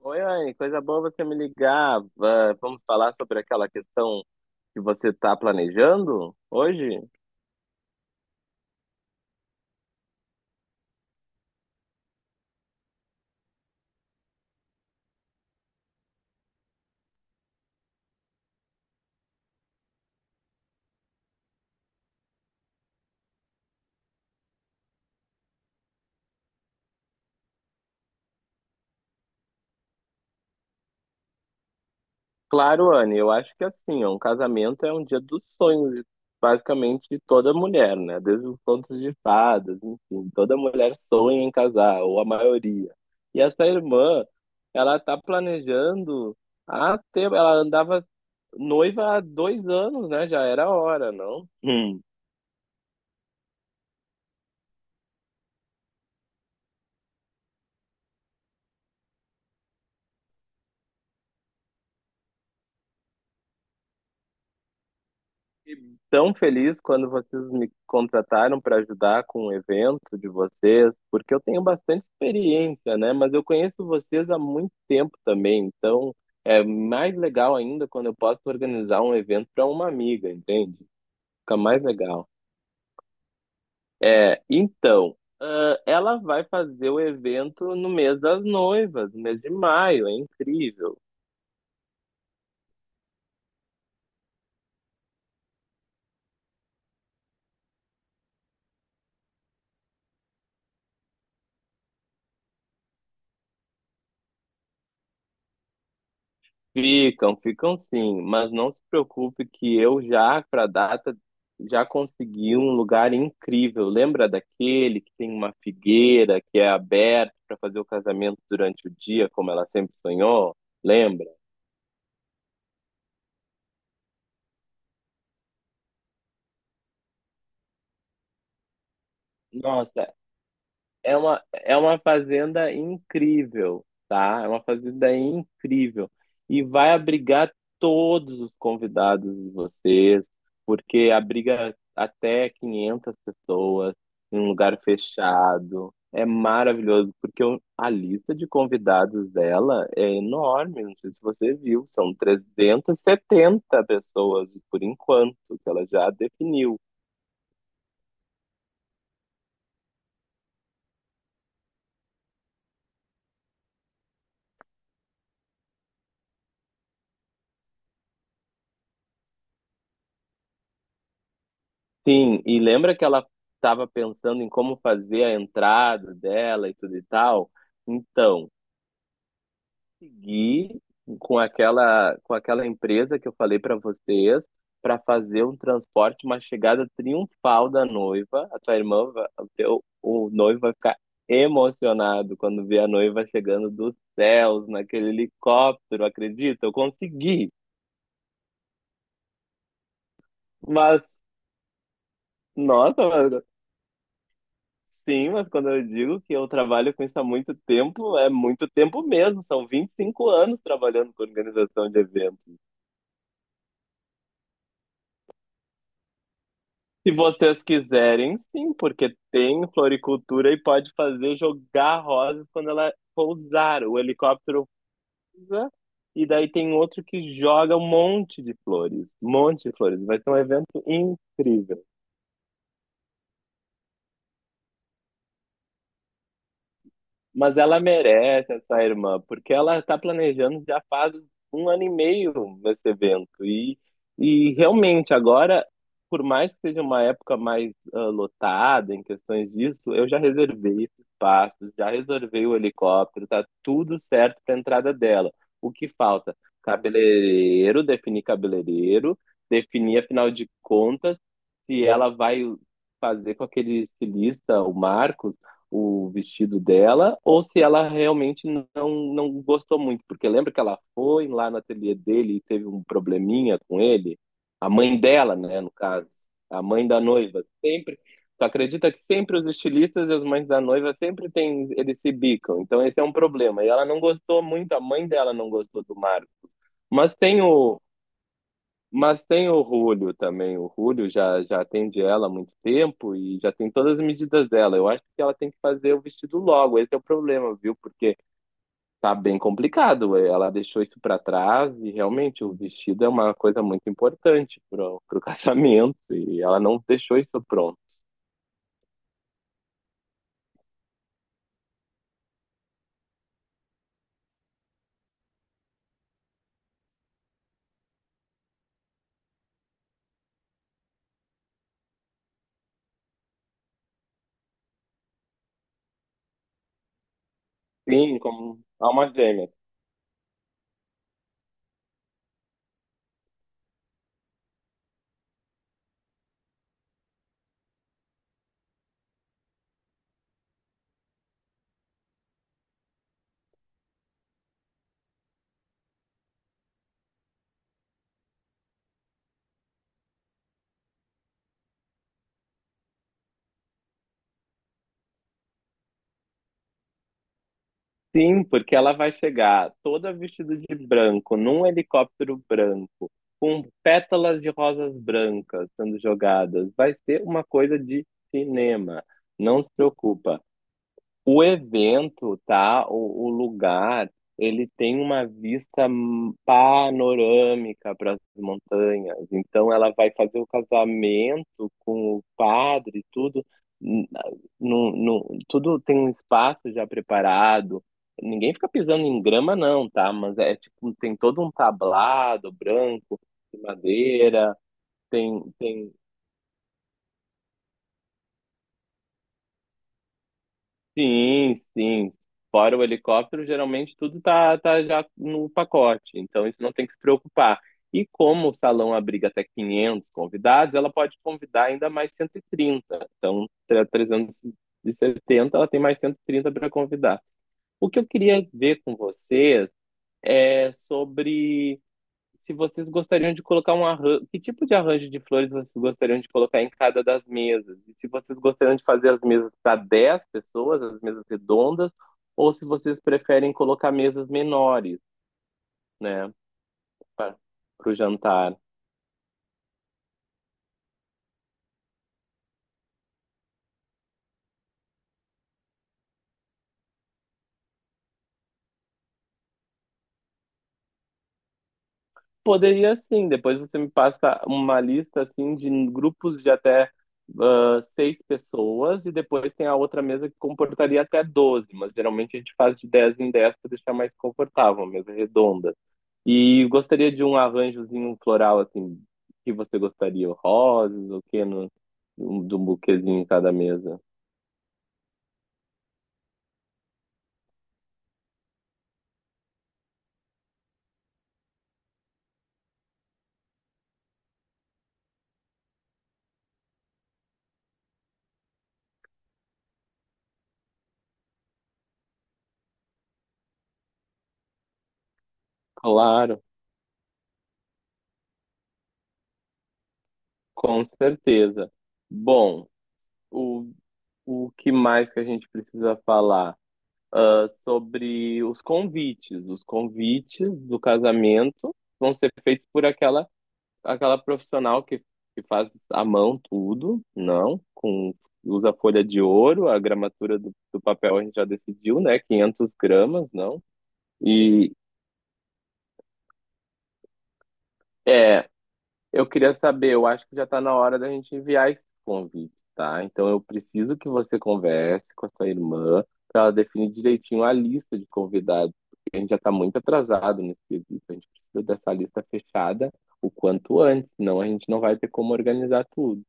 Oi, Anne, coisa boa você me ligar. Vamos falar sobre aquela questão que você está planejando hoje? Claro, Anne, eu acho que assim, ó, um casamento é um dia dos sonhos, basicamente, de toda mulher, né? Desde os contos de fadas, enfim, toda mulher sonha em casar, ou a maioria. E essa irmã, ela tá planejando há tempo, ela andava noiva há 2 anos, né? Já era hora, não? Fiquei tão feliz quando vocês me contrataram para ajudar com o evento de vocês, porque eu tenho bastante experiência, né? Mas eu conheço vocês há muito tempo também, então é mais legal ainda quando eu posso organizar um evento para uma amiga, entende? Fica mais legal. É, então, ela vai fazer o evento no mês das noivas, no mês de maio, é incrível. Ficam, ficam sim, mas não se preocupe que eu já, para a data, já consegui um lugar incrível. Lembra daquele que tem uma figueira que é aberta para fazer o casamento durante o dia, como ela sempre sonhou? Lembra? Nossa, é uma, é uma fazenda incrível, tá? É uma fazenda incrível. E vai abrigar todos os convidados de vocês, porque abriga até 500 pessoas em um lugar fechado. É maravilhoso, porque a lista de convidados dela é enorme. Não sei se você viu, são 370 pessoas por enquanto, que ela já definiu. Sim, e lembra que ela estava pensando em como fazer a entrada dela e tudo e tal? Então, segui com aquela empresa que eu falei para vocês para fazer um transporte, uma chegada triunfal da noiva. A tua irmã, o teu, o noivo vai ficar emocionado quando ver a noiva chegando dos céus naquele helicóptero, acredita? Eu consegui, mas nossa. Sim, mas quando eu digo que eu trabalho com isso há muito tempo, é muito tempo mesmo. São 25 anos trabalhando com organização de eventos. Se vocês quiserem, sim, porque tem floricultura e pode fazer jogar rosas quando ela pousar. O helicóptero pousa e daí tem outro que joga um monte de flores. Um monte de flores. Vai ser um evento incrível. Mas ela merece essa irmã, porque ela está planejando já faz 1 ano e meio esse evento. E realmente, agora, por mais que seja uma época mais lotada em questões disso, eu já reservei esse espaço, já reservei o helicóptero, tá tudo certo para a entrada dela. O que falta? Cabeleireiro, definir, afinal de contas, se ela vai fazer com aquele estilista, o Marcos, o vestido dela, ou se ela realmente não, não gostou muito. Porque lembra que ela foi lá no ateliê dele e teve um probleminha com ele? A mãe dela, né, no caso. A mãe da noiva. Sempre. Tu acredita que sempre os estilistas e as mães da noiva sempre tem, eles se bicam. Então esse é um problema. E ela não gostou muito, a mãe dela não gostou do Marcos. Mas tem o, mas tem o Rúlio também. O Rúlio já, já atende ela há muito tempo e já tem todas as medidas dela. Eu acho que ela tem que fazer o vestido logo. Esse é o problema, viu? Porque tá bem complicado. Ela deixou isso para trás e realmente o vestido é uma coisa muito importante pro casamento e ela não deixou isso pronto. Sim, como alma gêmea. Sim, porque ela vai chegar toda vestida de branco, num helicóptero branco, com pétalas de rosas brancas sendo jogadas. Vai ser uma coisa de cinema. Não se preocupa. O evento, tá? O lugar, ele tem uma vista panorâmica para as montanhas. Então, ela vai fazer o casamento com o padre, tudo. hum, no, tudo tem um espaço já preparado. Ninguém fica pisando em grama, não, tá? Mas é tipo, tem todo um tablado branco, de madeira, tem. Sim, sim. Fora o helicóptero, geralmente tudo tá, tá já no pacote, então isso não tem que se preocupar. E como o salão abriga até 500 convidados, ela pode convidar ainda mais 130. Então, 370, ela tem mais 130 para convidar. O que eu queria ver com vocês é sobre se vocês gostariam de colocar um arranjo, que tipo de arranjo de flores vocês gostariam de colocar em cada das mesas? E se vocês gostariam de fazer as mesas para 10 pessoas, as mesas redondas, ou se vocês preferem colocar mesas menores, né, para o jantar. Poderia sim, depois você me passa uma lista assim de grupos de até 6 pessoas e depois tem a outra mesa que comportaria até 12, mas geralmente a gente faz de 10 em 10 para deixar mais confortável, uma mesa redonda. E gostaria de um arranjozinho floral, assim, que você gostaria, rosas, o que, no, de um buquezinho em cada mesa. Claro, com certeza. Bom, o, o que mais que a gente precisa falar? Ah, sobre os convites. Os convites do casamento vão ser feitos por aquela, aquela profissional que faz à mão tudo, não, com, usa folha de ouro, a gramatura do, do papel a gente já decidiu, né? 500 gramas, não. E é, eu queria saber, eu acho que já está na hora da gente enviar esse convite, tá? Então eu preciso que você converse com a sua irmã para ela definir direitinho a lista de convidados, porque a gente já está muito atrasado nesse quesito, a gente precisa dessa lista fechada o quanto antes, senão a gente não vai ter como organizar tudo.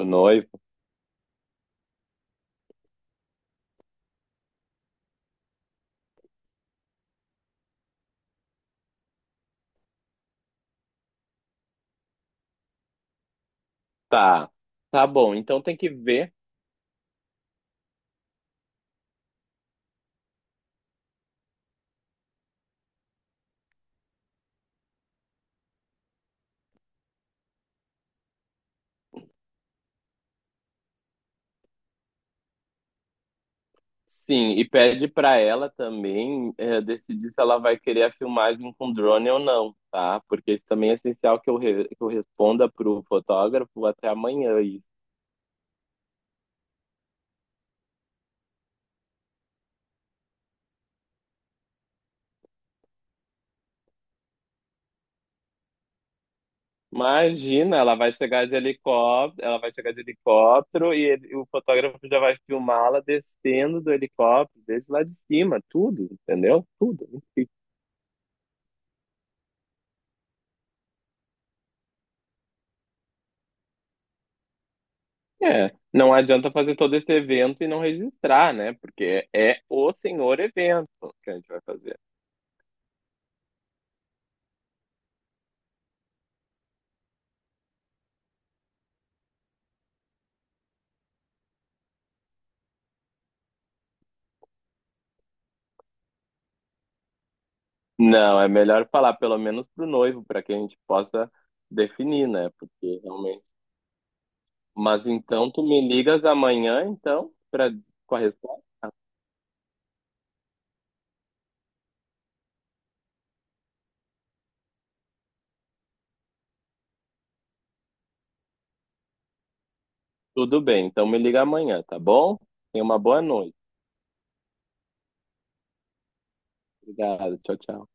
O noivo. Tá, tá bom. Então tem que ver, sim, e pede pra ela também é, decidir se ela vai querer a filmagem com drone ou não, tá? Porque isso também é essencial que eu, que eu responda pro fotógrafo até amanhã isso. Imagina, ela vai chegar de helicóptero, ela vai chegar de helicóptero e o fotógrafo já vai filmá-la descendo do helicóptero, desde lá de cima, tudo, entendeu? Tudo. É, não adianta fazer todo esse evento e não registrar, né? Porque é o senhor evento que a gente vai fazer. Não, é melhor falar pelo menos pro noivo, para que a gente possa definir, né? Porque realmente. Mas então tu me ligas amanhã, então, para, com a resposta? Tudo bem, então me liga amanhã, tá bom? Tenha uma boa noite. Obrigado, tchau, tchau.